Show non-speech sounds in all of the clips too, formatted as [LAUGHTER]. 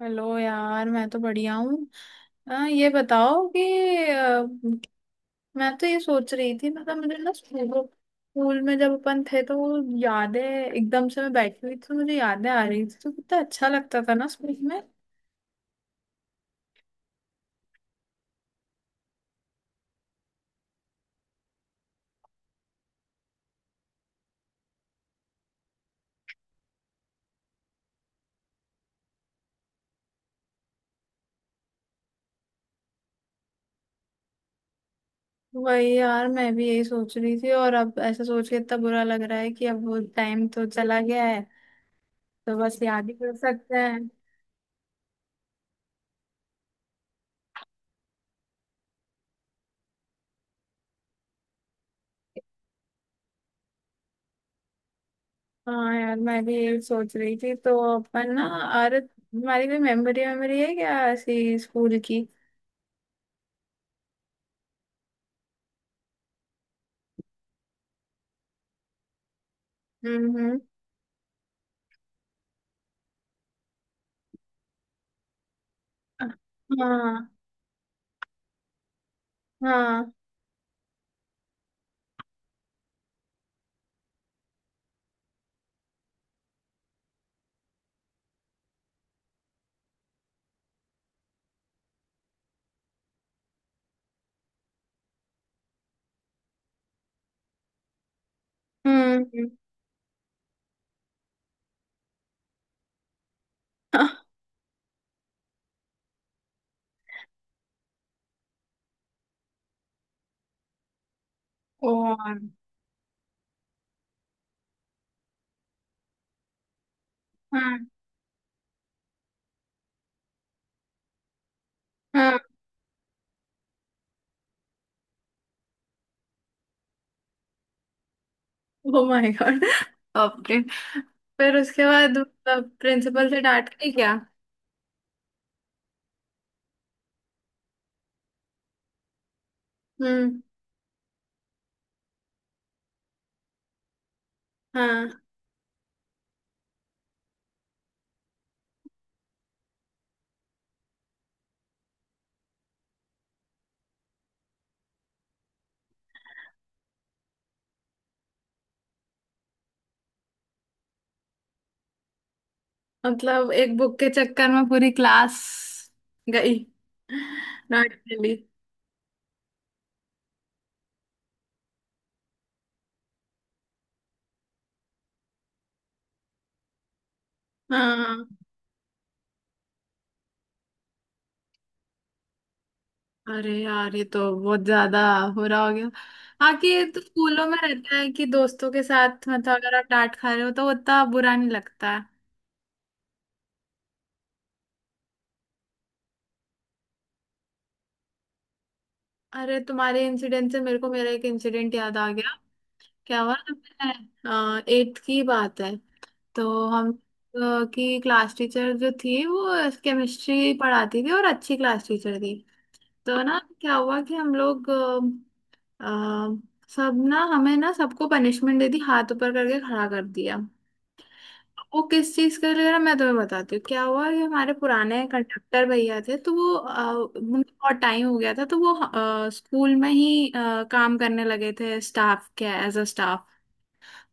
Hello यार मैं तो बढ़िया हूँ। ये बताओ कि अ, मैं तो ये सोच रही थी। मतलब मुझे ना स्कूल स्कूल में जब अपन थे तो वो यादें एकदम से, मैं बैठी हुई थी तो मुझे यादें आ रही थी, तो कितना अच्छा लगता था ना स्कूल में। वही यार मैं भी यही सोच रही थी, और अब ऐसा सोच के इतना बुरा लग रहा है कि अब वो टाइम तो चला गया है, तो बस याद ही कर सकते हैं। हाँ यार मैं भी यही सोच रही थी तो अपन ना, अरे तुम्हारी भी मेमोरी मेमोरी है क्या ऐसी स्कूल की? हम्म। हाँ हाँ। हम्म। और हाँ हाँ। ओ माय गॉड, बापरे। फिर उसके बाद मतलब प्रिंसिपल से डांट गई क्या? हम्म। हाँ। [LAUGHS] मतलब एक बुक के चक्कर में पूरी क्लास गई डांट के लिए। हाँ। अरे यार ये तो बहुत ज्यादा हो रहा, हो गया। हाँ, कि ये तो स्कूलों में रहता है कि दोस्तों के साथ, मतलब अगर आप डांट खा रहे हो तो उतना बुरा नहीं लगता। अरे तुम्हारे इंसिडेंट से मेरे को मेरा एक इंसिडेंट याद आ गया। क्या हुआ ना, मैं एट्थ की बात है। तो हम की क्लास टीचर जो थी वो केमिस्ट्री पढ़ाती थी और अच्छी क्लास टीचर थी। तो ना क्या हुआ कि हम लोग अ, सब ना, हमें ना सबको पनिशमेंट दे दी, हाथ ऊपर करके खड़ा कर दिया। वो किस चीज के लिए ना मैं तुम्हें बताती हूँ। क्या हुआ कि हमारे पुराने कंडक्टर भैया थे, तो वो उनको बहुत टाइम हो गया था, तो वो स्कूल में ही काम करने लगे थे स्टाफ के, एज अ स्टाफ।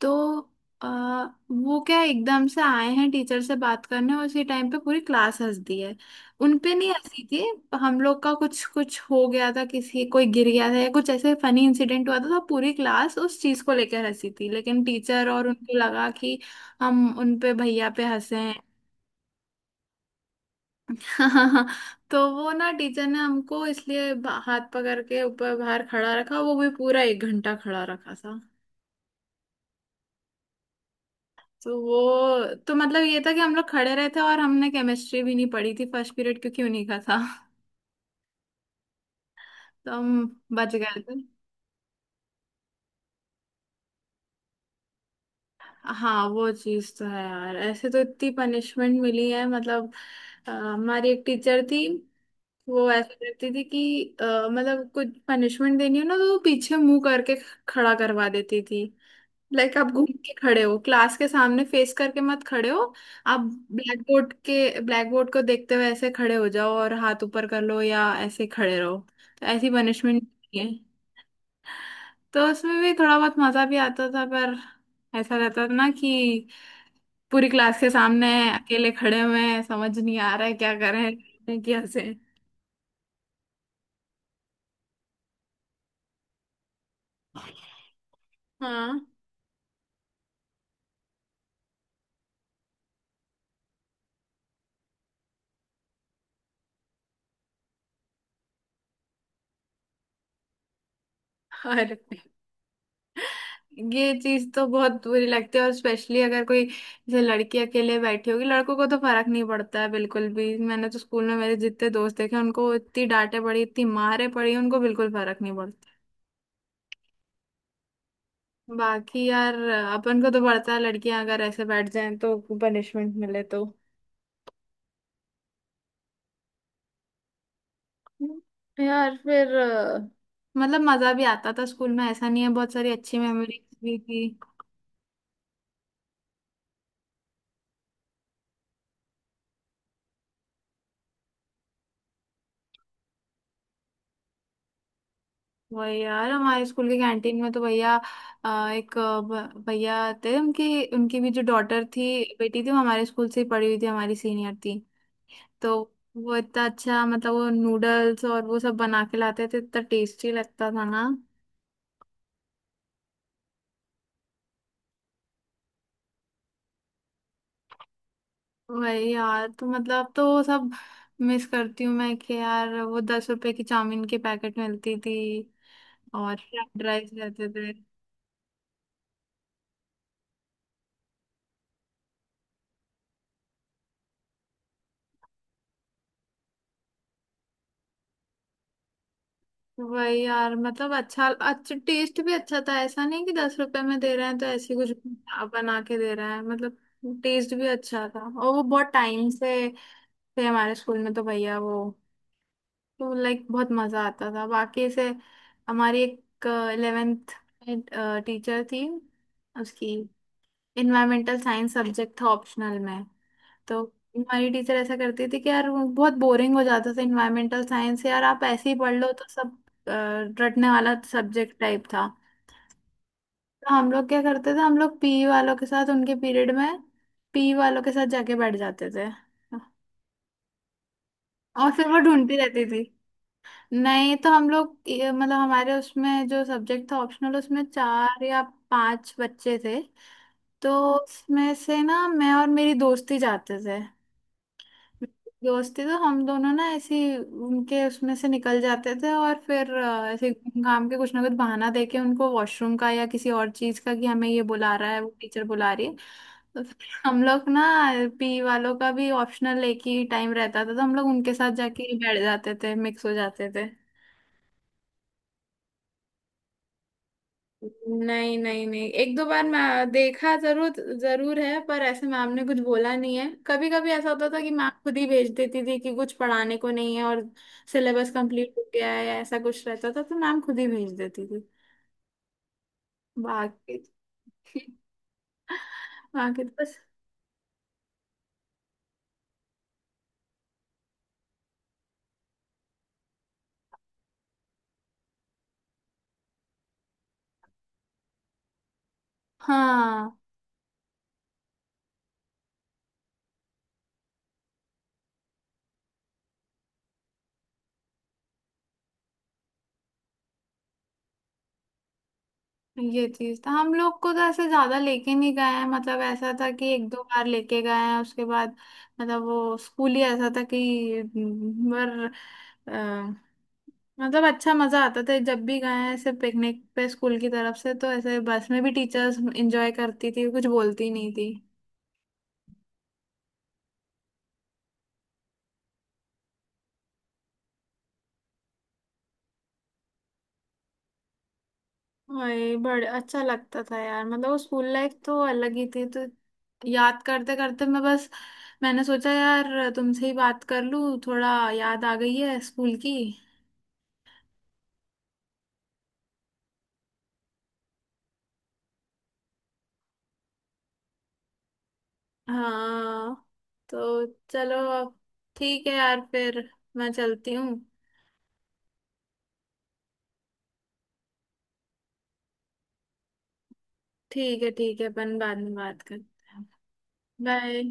तो आ, वो क्या एकदम से आए हैं टीचर से बात करने, उसी टाइम पे पूरी क्लास हंस दी है। उन पे नहीं हंसी थी, हम लोग का कुछ कुछ हो गया था, किसी कोई गिर गया था या कुछ ऐसे फनी इंसिडेंट हुआ था, तो पूरी क्लास उस चीज को लेकर हंसी थी, लेकिन टीचर और उनको लगा कि हम उन पे, भैया पे हंसे हैं। [LAUGHS] तो वो ना टीचर ने हमको इसलिए हाथ पकड़ के ऊपर बाहर खड़ा रखा, वो भी पूरा 1 घंटा खड़ा रखा था। तो वो तो मतलब ये था कि हम लोग खड़े रहे थे, और हमने केमिस्ट्री भी नहीं पढ़ी थी फर्स्ट पीरियड, क्योंकि उन्हीं का था। [LAUGHS] तो हम बच गए थे। हाँ वो चीज तो है यार, ऐसे तो इतनी पनिशमेंट मिली है मतलब। हमारी एक टीचर थी, वो ऐसा करती थी कि अ, मतलब कुछ पनिशमेंट देनी हो ना तो वो पीछे मुंह करके खड़ा करवा देती थी। लाइक आप घूम के खड़े हो, क्लास के सामने फेस करके मत खड़े हो। आप ब्लैक बोर्ड को देखते हुए ऐसे खड़े हो जाओ और हाथ ऊपर कर लो या ऐसे खड़े रहो। तो ऐसी पनिशमेंट है। तो उसमें भी थोड़ा बहुत मजा भी आता था, पर ऐसा रहता था ना कि पूरी क्लास के सामने अकेले खड़े हुए हैं, समझ नहीं आ रहा है क्या करें क्या से। हाँ। और ये चीज तो बहुत बुरी लगती है, और स्पेशली अगर कोई, जैसे लड़की अकेले बैठी होगी, लड़कों को तो फर्क नहीं पड़ता है बिल्कुल भी, मैंने तो स्कूल में मेरे जितने दोस्त देखे उनको इतनी डांटे पड़ी, इतनी मारे पड़ी, उनको बिल्कुल फर्क नहीं पड़ता। बाकी यार अपन को तो पड़ता है, लड़कियां अगर ऐसे बैठ जाएं तो पनिशमेंट मिले तो। यार फिर मतलब मजा भी आता था स्कूल में, ऐसा नहीं है, बहुत सारी अच्छी मेमोरीज भी थी। वही यार, हमारे स्कूल की कैंटीन में तो भैया एक भैया थे, उनकी उनकी भी जो डॉटर थी, बेटी थी, वो हमारे स्कूल से ही पढ़ी हुई थी, हमारी सीनियर थी। तो वो इतना अच्छा, मतलब वो नूडल्स और वो सब बना के लाते थे, इतना टेस्टी लगता था ना। वही यार तो मतलब तो वो सब मिस करती हूँ मैं कि यार वो 10 रुपए की चाउमीन के पैकेट मिलती थी, और फ्राइड राइस रहते थे। वही यार, मतलब अच्छा, अच्छा टेस्ट भी अच्छा था, ऐसा नहीं कि 10 रुपए में दे रहे हैं तो ऐसे कुछ बना के दे रहा है, मतलब टेस्ट भी अच्छा था, और वो बहुत टाइम से थे हमारे स्कूल में तो भैया वो, तो लाइक बहुत मजा आता था। बाकी से हमारी एक 11th टीचर थी, उसकी इन्वायरमेंटल साइंस सब्जेक्ट था ऑप्शनल में। तो हमारी टीचर ऐसा करती थी कि यार वो बहुत बोरिंग हो जाता था इन्वायरमेंटल साइंस, यार आप ऐसे ही पढ़ लो, तो सब अ, रटने वाला सब्जेक्ट टाइप था। तो हम लोग क्या करते थे, हम लोग पी वालों के साथ उनके पीरियड में, पी वालों के साथ जाके बैठ जाते थे। और फिर वो ढूंढती रहती थी। नहीं तो हम लोग मतलब हमारे उसमें जो सब्जेक्ट था ऑप्शनल उसमें चार या पांच बच्चे थे, तो उसमें से ना मैं और मेरी दोस्ती जाते थे, दोस्ती तो हम दोनों ना ऐसी उनके उसमें से निकल जाते थे, और फिर ऐसे काम के कुछ ना कुछ बहाना देके, उनको वॉशरूम का या किसी और चीज का कि हमें ये बुला रहा है, वो टीचर बुला रही है। तो फिर हम लोग ना, पी वालों का भी ऑप्शनल एक ही टाइम रहता था, तो हम लोग उनके साथ जाके बैठ जाते थे, मिक्स हो जाते थे। नहीं, नहीं, नहीं, एक दो बार मैं देखा जरूर, जरूर है, पर ऐसे मैम ने कुछ बोला नहीं है। कभी कभी ऐसा होता था कि मैम खुद ही भेज देती थी कि कुछ पढ़ाने को नहीं है और सिलेबस कंप्लीट हो गया है, ऐसा कुछ रहता था, तो मैम खुद ही भेज देती थी। बाकी। [LAUGHS] बाकी तो बस। हाँ ये चीज था, हम लोग को तो ऐसे ज्यादा लेके नहीं गए हैं, मतलब ऐसा था कि एक दो बार लेके गए हैं, उसके बाद मतलब वो स्कूल ही ऐसा था कि पर अ, मतलब अच्छा मजा आता था जब भी गए हैं, ऐसे पिकनिक पे स्कूल की तरफ से, तो ऐसे बस में भी टीचर्स एंजॉय करती थी, कुछ बोलती नहीं थी। वही बड़े अच्छा लगता था यार, मतलब वो स्कूल लाइफ तो अलग ही थी। तो याद करते करते मैं बस, मैंने सोचा यार तुमसे ही बात कर लूं, थोड़ा याद आ गई है स्कूल की। हाँ तो चलो, अब ठीक है यार फिर, मैं चलती हूँ। ठीक है, ठीक है, अपन बाद में बात करते हैं। बाय।